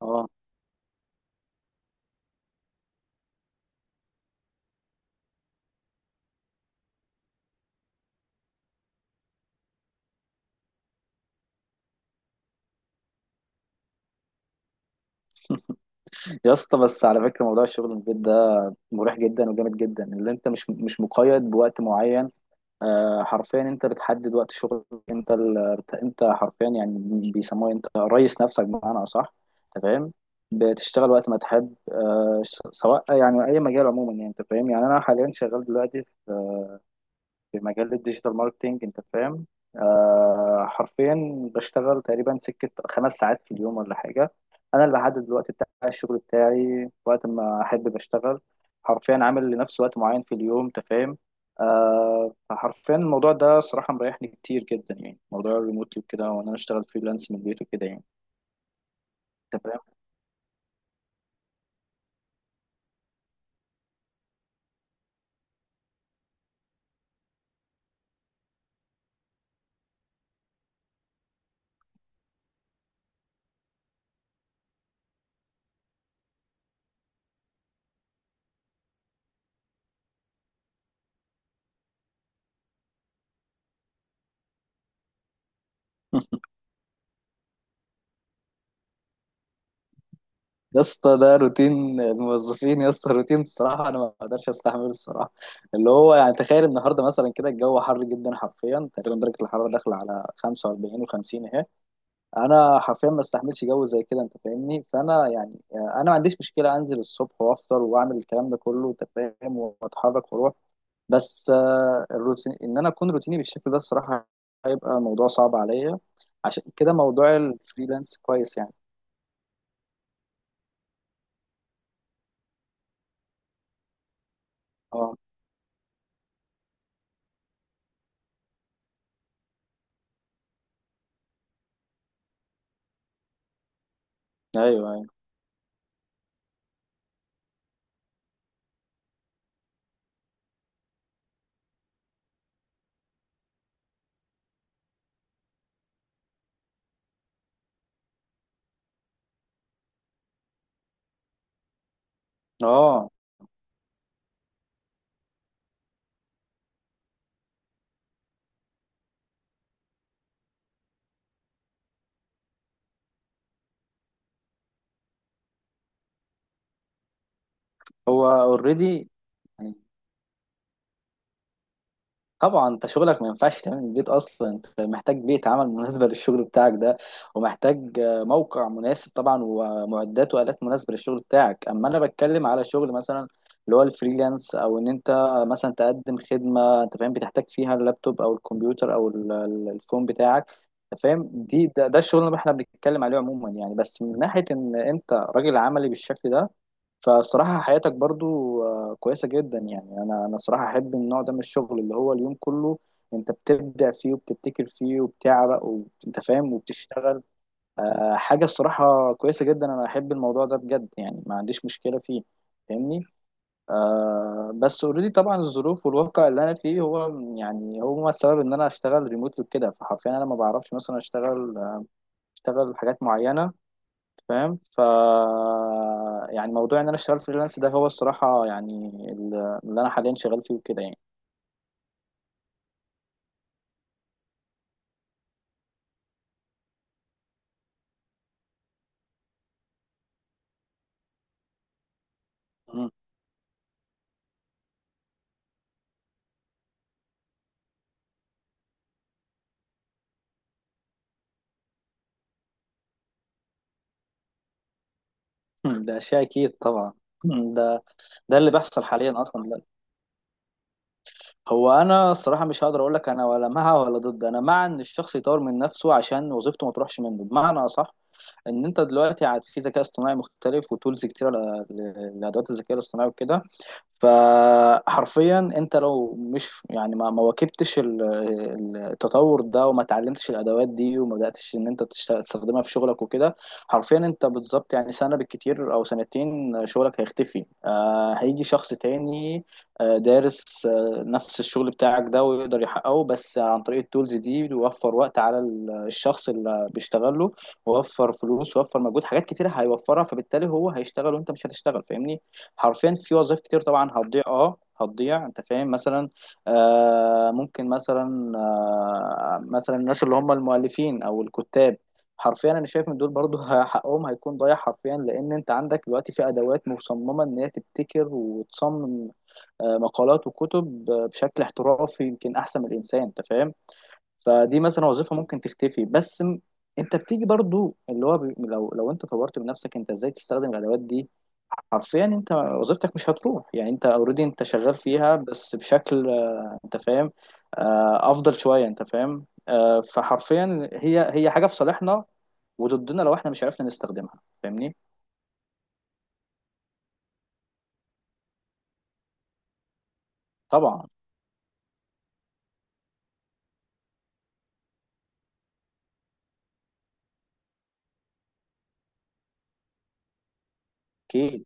اه يا اسطى، بس على فكره موضوع الشغل من البيت ده مريح جدا وجامد جدا. اللي انت مش مقيد بوقت معين. حرفيا انت بتحدد وقت شغلك. انت ال... انت حرفيا يعني بيسموه انت رئيس نفسك بمعنى اصح، انت فاهم. بتشتغل وقت ما تحب سواء يعني اي مجال عموما، يعني انت فاهم. يعني انا حاليا شغال دلوقتي في مجال الديجيتال ماركتينج، انت فاهم. حرفيا بشتغل تقريبا سكة خمس ساعات في اليوم ولا حاجة. انا اللي بحدد الوقت بتاع الشغل بتاعي، وقت ما احب بشتغل. حرفيا عامل لنفسي وقت معين في اليوم، انت فاهم. فحرفيا الموضوع ده صراحة مريحني كتير جدا، يعني موضوع الريموتلي وكده، وانا بشتغل فريلانس من البيت وكده يعني، انت فاهم. يا اسطى، ده روتين الموظفين يا اسطى، روتين الصراحه انا ما اقدرش استحمله الصراحه. اللي هو يعني تخيل النهارده مثلا كده الجو حر جدا، حرفيا تقريبا درجه الحراره داخله على 45 و50 اهي. انا حرفيا ما استحملش جو زي كده، انت فاهمني. فانا يعني انا ما عنديش مشكله انزل الصبح وافطر واعمل الكلام ده كله، انت فاهم واتحرك واروح. بس الروتين ان انا اكون روتيني بالشكل ده، الصراحه هيبقى موضوع صعب عليا. عشان كده موضوع الفريلانس كويس يعني. اه، ايوه، ايوه، اه، هو اوريدي يعني. طبعا انت شغلك ما ينفعش تعمل من البيت اصلا، انت محتاج بيئه عمل مناسبه للشغل بتاعك ده، ومحتاج موقع مناسب طبعا، ومعدات والات مناسبه للشغل بتاعك. اما انا بتكلم على شغل مثلا اللي هو الفريلانس، او ان انت مثلا تقدم خدمه انت فاهم، بتحتاج فيها اللابتوب او الكمبيوتر او الفون بتاعك، انت فاهم. ده الشغل اللي احنا بنتكلم عليه عموما يعني، بس من ناحيه ان انت راجل عملي بالشكل ده، فالصراحة حياتك برضو كويسة جدا. يعني أنا صراحة أحب النوع ده من الشغل، اللي هو اليوم كله أنت بتبدع فيه وبتبتكر فيه وبتعرق وأنت فاهم وبتشتغل. حاجة الصراحة كويسة جدا، أنا أحب الموضوع ده بجد يعني، ما عنديش مشكلة فيه، فاهمني. بس اوريدي طبعا الظروف والواقع اللي أنا فيه هو يعني هو السبب إن أنا أشتغل ريموتلي وكده. فحرفيا أنا ما بعرفش مثلا أشتغل حاجات معينة، فاهم. يعني موضوع ان انا اشتغل فريلانس ده هو الصراحه يعني اللي انا حاليا شغال فيه وكده يعني. مم. ده شيء اكيد طبعا. مم. ده ده اللي بيحصل حاليا اصلا دلوقتي. هو انا الصراحه مش هقدر اقول لك انا ولا مع ولا ضد. انا مع ان الشخص يطور من نفسه عشان وظيفته ما تروحش منه بمعنى اصح، ان انت دلوقتي عاد في ذكاء اصطناعي مختلف وتولز كتيره لادوات الذكاء الاصطناعي وكده. فحرفيا انت لو مش يعني ما واكبتش التطور ده، وما اتعلمتش الادوات دي، وما بداتش ان انت تستخدمها في شغلك وكده، حرفيا انت بالظبط يعني سنه بالكتير او سنتين شغلك هيختفي. هيجي شخص تاني دارس نفس الشغل بتاعك ده، ويقدر يحققه بس عن طريق التولز دي. بيوفر وقت على الشخص اللي بيشتغله، وفر فلوس، وفر مجهود، حاجات كتير هيوفرها. فبالتالي هو هيشتغل وانت مش هتشتغل، فاهمني. حرفيا في وظائف كتير طبعا هتضيع، اه هتضيع، انت فاهم. مثلا آه ممكن مثلا آه مثلا الناس اللي هم المؤلفين او الكتاب، حرفيا انا شايف ان دول برضو حقهم هيكون ضايع. حرفيا لان انت عندك دلوقتي في ادوات مصممه ان هي تبتكر وتصمم مقالات وكتب بشكل احترافي، يمكن احسن من الانسان، انت فاهم. فدي مثلا وظيفة ممكن تختفي. انت بتيجي برضو اللي هو لو انت طورت من نفسك انت ازاي تستخدم الادوات دي، حرفيا انت وظيفتك مش هتروح. يعني انت اوريدي انت شغال فيها، بس بشكل انت فاهم افضل شوية، انت فاهم. فحرفيا هي حاجة في صالحنا وضدنا لو احنا مش عرفنا نستخدمها، فاهمني. طبعا. اكيد.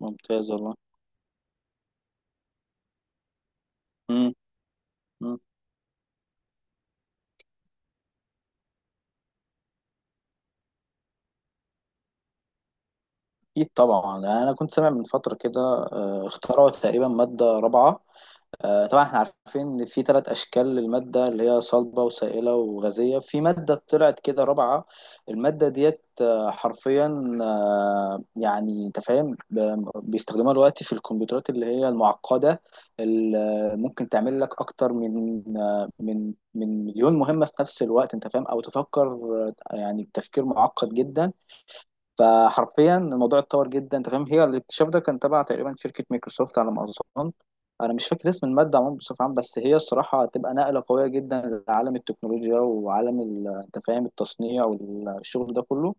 ممتاز والله. امم أمم. اكيد طبعا، يعني انا كنت سامع من فترة كده اخترعوا تقريبا مادة رابعة. طبعا احنا عارفين ان في ثلاث اشكال للماده اللي هي صلبه وسائله وغازيه، في ماده طلعت كده رابعه. الماده ديت آه، حرفيا آه، يعني انت فاهم، بيستخدموها دلوقتي في الكمبيوترات اللي هي المعقده، اللي ممكن تعمل لك اكتر من مليون مهمه في نفس الوقت، انت فاهم. او تفكر يعني بتفكير معقد جدا. فحرفيا الموضوع اتطور جدا، انت فاهم. هي الاكتشاف ده كان تبع تقريبا شركه مايكروسوفت على ما اظن. انا مش فاكر اسم الماده عموما بصفه عامه، بس هي الصراحه هتبقى نقله قويه جدا لعالم التكنولوجيا وعالم انت فاهم التصنيع والشغل ده كله.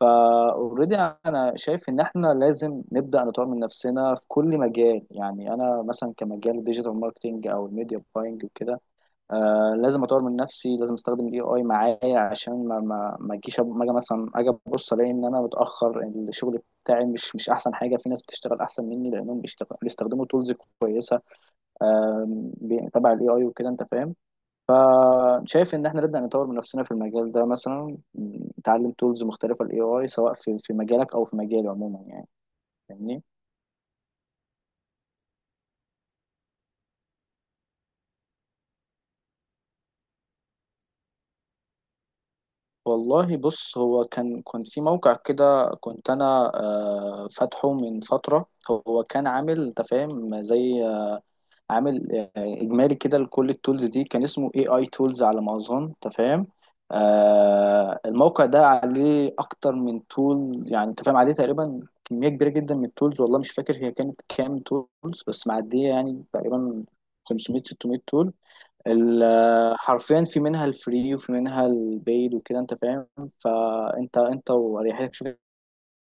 فاوريدي انا شايف ان احنا لازم نبدا نطور من نفسنا في كل مجال، يعني انا مثلا كمجال ديجيتال ماركتنج او الميديا باينج وكده. لازم اطور من نفسي، لازم استخدم الاي اي معايا عشان ما اجي مثلا، اجي ابص الاقي ان انا متاخر، الشغل بتاعي مش احسن حاجه، في ناس بتشتغل احسن مني لانهم بيستخدموا تولز كويسه تبع الاي اي وكده، انت فاهم. فشايف ان احنا نبدا نطور من نفسنا في المجال ده، مثلا نتعلم تولز مختلفه الاي اي، سواء في مجالك او في مجالي عموما يعني، فاهمني. والله بص، هو كان كنت في موقع كده كنت انا فاتحه من فتره. هو كان عامل انت فاهم زي عامل اجمالي كده لكل التولز دي، كان اسمه اي اي تولز على ما اظن، انت فاهم. الموقع ده عليه اكتر من تول، يعني انت فاهم، عليه تقريبا كميه كبيره جدا من التولز. والله مش فاكر هي كانت كام تولز، بس معديه يعني تقريبا 500 600 تول. حرفيا في منها الفري وفي منها البيد وكده، انت فاهم. فانت واريحيتك، شوف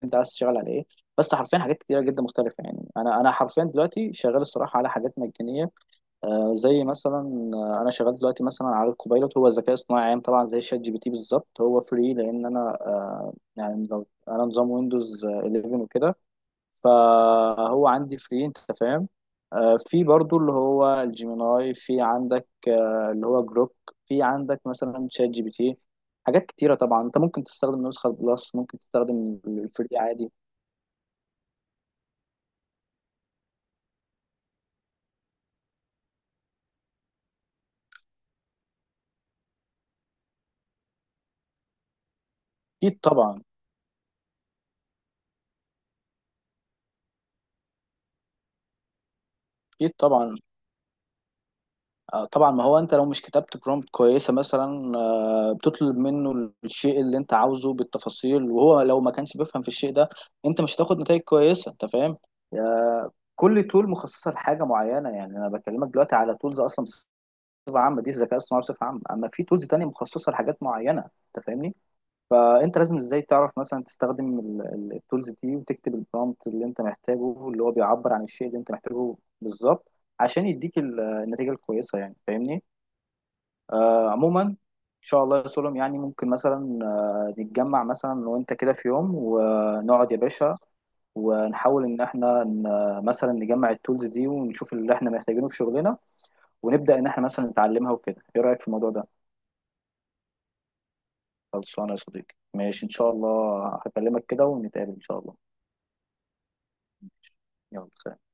انت عايز تشتغل على ايه. بس حرفيا حاجات كتيره جدا مختلفه، يعني انا حرفيا دلوقتي شغال الصراحه على حاجات مجانيه. زي مثلا انا شغال دلوقتي مثلا على الكوبايلوت، هو ذكاء اصطناعي عام طبعا زي شات جي بي تي بالظبط. هو فري، لان انا انا نظام ويندوز 11 وكده، فهو عندي فري، انت فاهم. في برضو اللي هو الجيميناي، في عندك اللي هو جروك، في عندك مثلا شات جي بي تي. حاجات كتيرة طبعا، انت ممكن تستخدم نسخة بلس، ممكن تستخدم الفري عادي. اكيد طبعا. اكيد طبعا. طبعا ما هو انت لو مش كتبت برومبت كويسة مثلا بتطلب منه الشيء اللي انت عاوزه بالتفاصيل، وهو لو ما كانش بيفهم في الشيء ده، انت مش هتاخد نتائج كويسه، انت فاهم. كل تول مخصصه لحاجه معينه، يعني انا بكلمك دلوقتي على تولز اصلا بصفه عامه دي الذكاء الصناعي بصفه عامه، اما في تولز تانية مخصصه لحاجات معينه، انت فاهمني. فانت لازم ازاي تعرف مثلا تستخدم التولز دي وتكتب البرومبت اللي انت محتاجه، اللي هو بيعبر عن الشيء اللي انت محتاجه بالظبط، عشان يديك النتيجه الكويسه، يعني فاهمني. عموما ان شاء الله يا سلم، يعني ممكن مثلا نتجمع مثلا أنا وانت كده في يوم ونقعد يا باشا، ونحاول ان احنا مثلا نجمع التولز دي ونشوف اللي احنا محتاجينه في شغلنا، ونبدأ ان احنا مثلا نتعلمها وكده. ايه رأيك في الموضوع ده؟ خلصانه يا صديقي، ماشي ان شاء الله، هكلمك كده ونتقابل ان شاء الله، يلا سلام.